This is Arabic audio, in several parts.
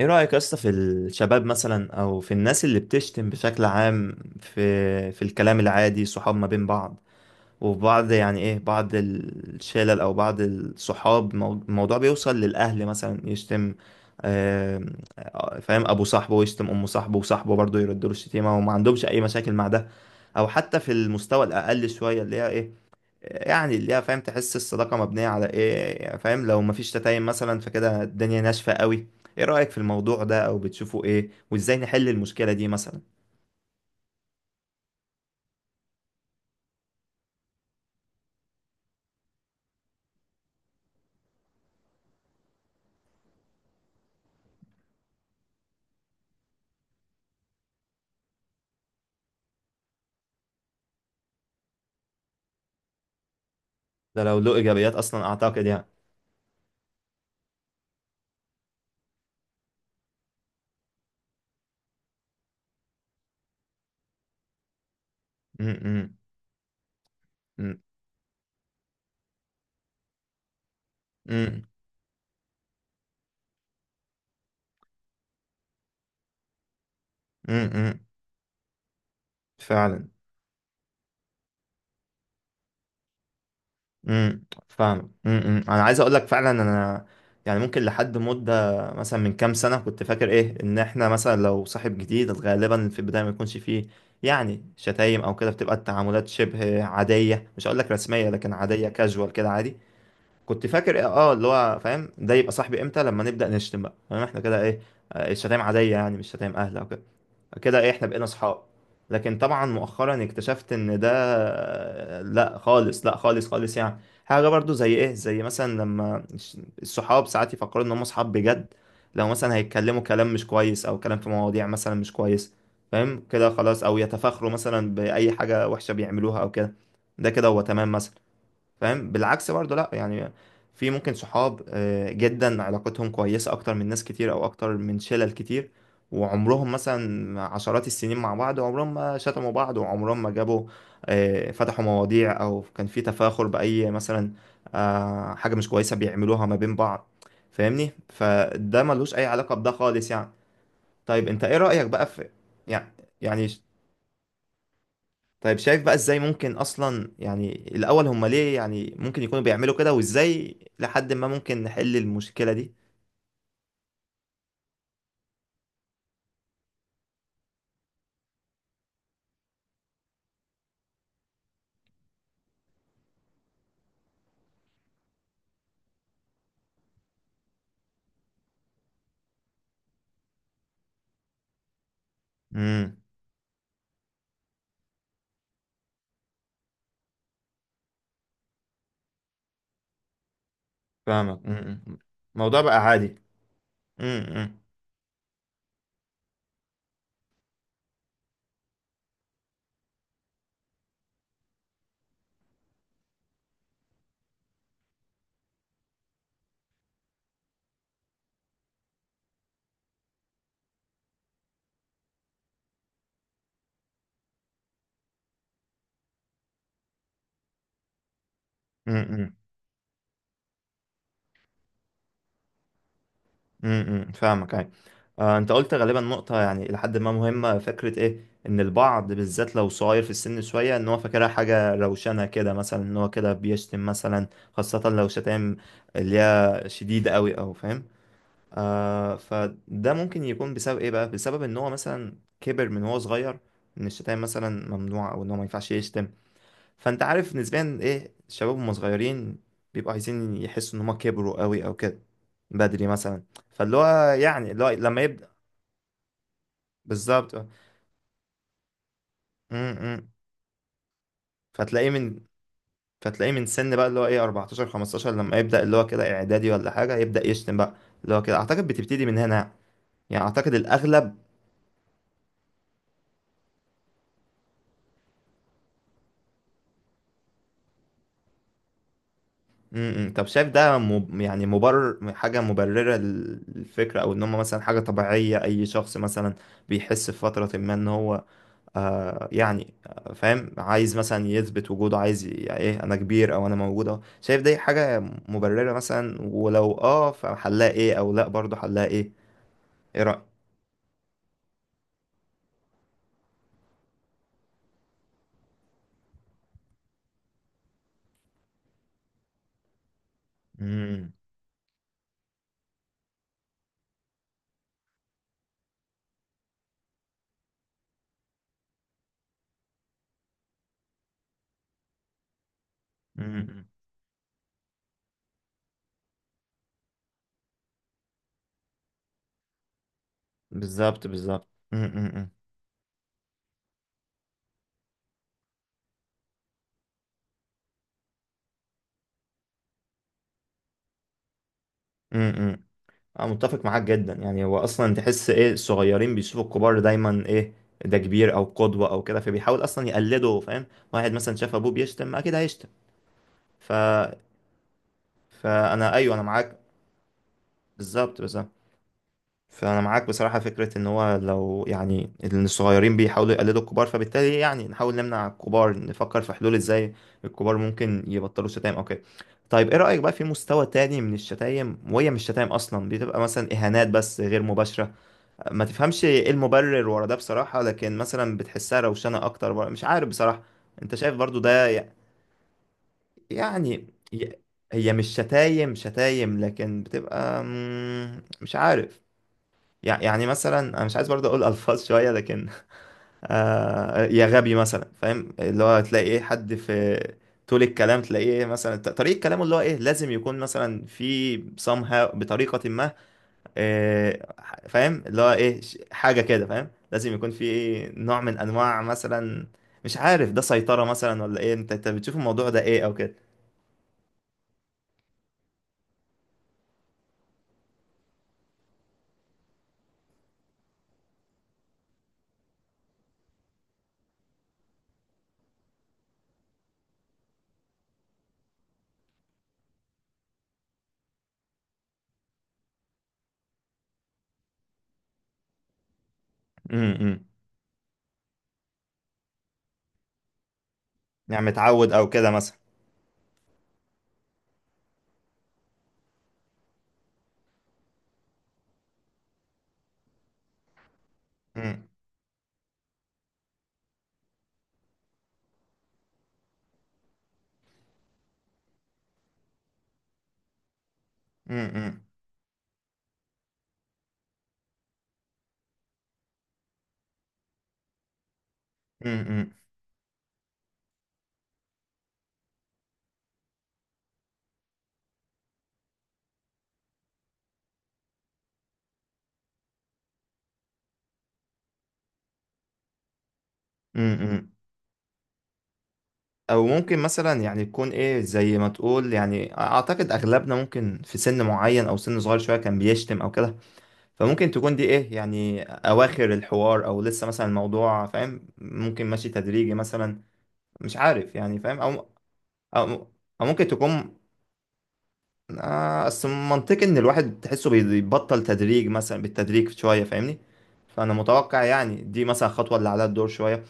ايه رأيك يا اسطى في الشباب مثلا، او في الناس اللي بتشتم بشكل عام، في الكلام العادي، صحاب ما بين بعض، وفي بعض، يعني ايه، بعض الشلل او بعض الصحاب، الموضوع بيوصل للاهل مثلا يشتم. آم، فاهم، ابو صاحبه ويشتم ام صاحبه، وصاحبه برضه يرد له الشتيمه، وما عندهمش اي مشاكل مع ده. او حتى في المستوى الاقل شويه، اللي هي ايه، يعني اللي هي، فاهم، تحس الصداقة مبنية على ايه يعني، فاهم، لو مفيش تدين مثلا فكده الدنيا ناشفة قوي. ايه رأيك في الموضوع ده، او بتشوفه ايه، وازاي نحل المشكلة دي مثلا؟ ده لو له ايجابيات اصلا اعتقد، يعني. م-. م-. م-. م-. م-. م-. فعلا. فاهم. انا عايز اقول لك فعلا، انا يعني ممكن لحد مده مثلا من كام سنه كنت فاكر ايه، ان احنا مثلا لو صاحب جديد غالبا في البدايه ما يكونش فيه يعني شتايم او كده، بتبقى التعاملات شبه عاديه، مش هقول لك رسميه لكن عاديه، كاجوال كده، عادي. كنت فاكر ايه، اه، اللي هو فاهم، ده يبقى صاحبي امتى؟ لما نبدا نشتم بقى، فاهم، احنا كده ايه، الشتايم عاديه، يعني مش شتايم اهل او كده. كده احنا بقينا صحاب. لكن طبعا مؤخرا اكتشفت ان ده لا خالص، لا خالص خالص. يعني حاجة برضو زي ايه، زي مثلا لما الصحاب ساعات يفكروا ان هم صحاب بجد لو مثلا هيتكلموا كلام مش كويس، او كلام في مواضيع مثلا مش كويس، فاهم كده، خلاص، او يتفاخروا مثلا بأي حاجة وحشة بيعملوها او كده، ده كده هو تمام مثلا. فاهم، بالعكس برضه، لا يعني. في ممكن صحاب جدا علاقتهم كويسة اكتر من ناس كتير، او اكتر من شلل كتير، وعمرهم مثلا عشرات السنين مع بعض، وعمرهم ما شتموا بعض، وعمرهم ما جابوا فتحوا مواضيع، او كان في تفاخر بأي مثلا حاجة مش كويسة بيعملوها ما بين بعض. فاهمني، فده ملوش اي علاقة بده خالص يعني. طيب انت ايه رأيك بقى في، يعني يعني، طيب شايف بقى ازاي ممكن اصلا، يعني الاول هم ليه يعني ممكن يكونوا بيعملوا كده، وازاي لحد ما ممكن نحل المشكلة دي؟ امم فاهمك. الموضوع بقى عادي. امم. امم. امم امم، فاهمك يعني. آه، انت قلت غالبا نقطة يعني لحد ما مهمة، فكرة ايه، ان البعض بالذات لو صغير في السن شوية، ان هو فاكرها حاجة روشنة كده مثلا، ان هو كده بيشتم مثلا، خاصة لو شتائم اللي هي شديدة قوي او فاهم. آه، فده ممكن يكون بسبب ايه بقى، بسبب ان هو مثلا كبر، من هو صغير ان الشتايم مثلا ممنوع، او ان هو ما ينفعش يشتم. فانت عارف، نسبيا ايه، الشباب هم صغيرين بيبقوا عايزين يحسوا ان هم كبروا قوي او كده، بدري مثلا. فاللي هو، يعني اللي هو لما يبدأ، بالظبط اه. م-. م-. فتلاقيه من، فتلاقيه من سن بقى، اللي هو ايه، 14 15، لما يبدأ اللي هو كده اعدادي ولا حاجة، يبدأ يشتم بقى، اللي هو كده اعتقد بتبتدي من هنا، يعني اعتقد الاغلب. طب شايف ده يعني مبرر؟ حاجة مبررة للفكرة، أو إن هم مثلا حاجة طبيعية؟ أي شخص مثلا بيحس في فترة ما إن هو يعني فاهم، عايز مثلا يثبت وجوده، عايز يعني إيه، أنا كبير أو أنا موجود أهو. شايف دي حاجة مبررة مثلا؟ ولو أه فحلها إيه، أو لأ برضه حلها إيه؟ إيه رأيك؟ امم. امم. بالظبط، بالظبط. امم. انا متفق معاك جدا يعني. هو اصلا تحس ايه، الصغيرين بيشوفوا الكبار دايما ايه، ده كبير او قدوة او كده، فبيحاول اصلا يقلده فاهم. واحد مثلا شاف ابوه بيشتم اكيد هيشتم. ف، فانا ايوه، انا معاك. بالظبط، بس فانا معاك بصراحة، فكرة ان هو لو يعني ان الصغيرين بيحاولوا يقلدوا الكبار، فبالتالي يعني نحاول نمنع الكبار، نفكر في حلول ازاي الكبار ممكن يبطلوا شتايم او كده. طيب ايه رأيك بقى في مستوى تاني من الشتايم، وهي مش شتايم اصلا، بتبقى مثلا اهانات، بس غير مباشرة. ما تفهمش ايه المبرر ورا ده بصراحة، لكن مثلا بتحسها روشنة اكتر، مش عارف بصراحة. انت شايف برضو ده يعني ي- هي مش شتايم شتايم، لكن بتبقى مش عارف. يعني مثلا، انا مش عايز برضو اقول الفاظ شوية، لكن يا غبي مثلا، فاهم، اللي هو تلاقي ايه حد في طول الكلام تلاقيه مثلا، طريقة كلامه اللي هو ايه، لازم يكون مثلا في somehow، بطريقة ما إيه، فاهم، اللي هو ايه، حاجة كده، فاهم، لازم يكون في نوع من انواع مثلا، مش عارف، ده سيطرة مثلا ولا ايه؟ انت بتشوف الموضوع ده ايه او كده؟ امم. يعني متعود او كده مثلا. امم. امم. امم. امم. او ممكن مثلا يعني يكون ايه، زي ما تقول يعني، اعتقد اغلبنا ممكن في سن معين او سن صغير شوية كان بيشتم او كده، فممكن تكون دي ايه يعني اواخر الحوار، او لسه مثلا الموضوع، فاهم، ممكن ماشي تدريجي مثلا، مش عارف يعني، فاهم، او، أو أو ممكن تكون، أصل منطقي إن الواحد تحسه بيبطل تدريج مثلا، بالتدريج شوية، فاهمني، فأنا متوقع يعني دي مثلا خطوة اللي عليها الدور شوية.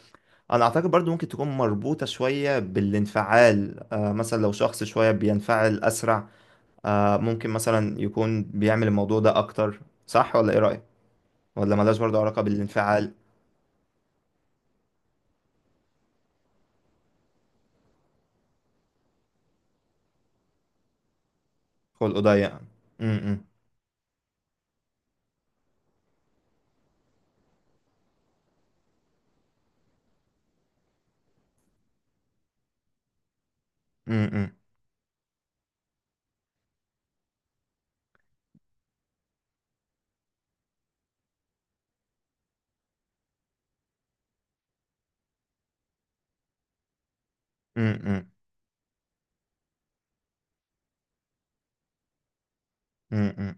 أنا أعتقد برضو ممكن تكون مربوطة شوية بالانفعال. مثلا لو شخص شوية بينفعل أسرع، ممكن مثلا يكون بيعمل الموضوع ده أكتر. صح ولا إيه رأيك؟ ولا ملهاش برضو علاقة بالانفعال؟ خلقه ضيق. م-. م-. م-. م-. م-. م-. م-.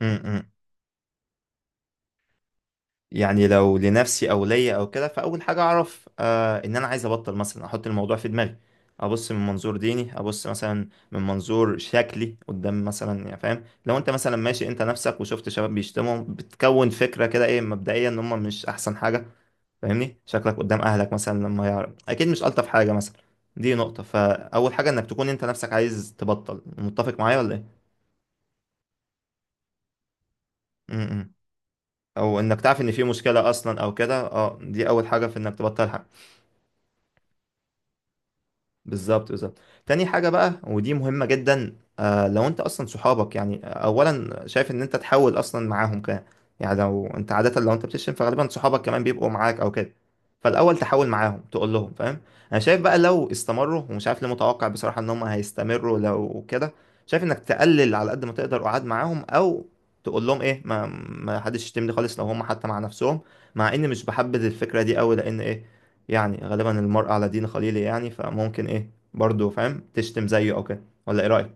م-. م-. يعني لو لنفسي او ليا او كده، فاول حاجه اعرف ان انا عايز ابطل، مثلا احط الموضوع في دماغي، ابص من منظور ديني، ابص مثلا من منظور شكلي قدام مثلا، يعني فاهم، لو انت مثلا ماشي انت نفسك وشفت شباب بيشتموا، بتكون فكره كده ايه مبدئيا، ان هم مش احسن حاجه. فاهمني، شكلك قدام اهلك مثلا لما يعرف، اكيد مش الطف حاجه مثلا. دي نقطه، فاول حاجه انك تكون انت نفسك عايز تبطل. متفق معايا ولا ايه؟ م-. م-. او انك تعرف ان في مشكله اصلا او كده، اه، دي اول حاجه في انك تبطل. بالظبط، بالظبط. تاني حاجة بقى، ودي مهمة جدا، لو انت اصلا صحابك يعني، اولا شايف ان انت تحاول اصلا معاهم كده. يعني لو انت عادة، لو انت بتشتم فغالبا صحابك كمان بيبقوا معاك او كده، فالاول تحاول معاهم، تقول لهم فاهم. انا شايف بقى لو استمروا، ومش عارف ليه، متوقع بصراحة ان هم هيستمروا، لو كده شايف انك تقلل على قد ما تقدر قعاد معاهم، او تقول لهم ايه، ما حدش يشتمني خالص، لو هم حتى مع نفسهم. مع اني مش بحبذ الفكرة دي قوي، لان ايه، يعني غالبا المرء على دين خليله يعني، فممكن ايه برضه فاهم تشتم زيه او كده. ولا ايه رأيك؟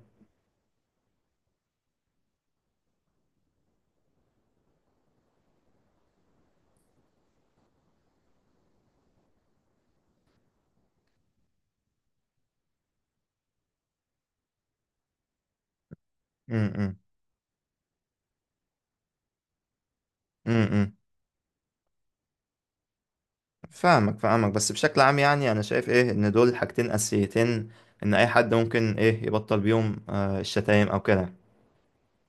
امم. امم. فاهمك، فاهمك. بس بشكل عام يعني، انا شايف ايه، ان دول حاجتين اساسيتين ان اي حد ممكن ايه يبطل بيهم الشتايم او كده.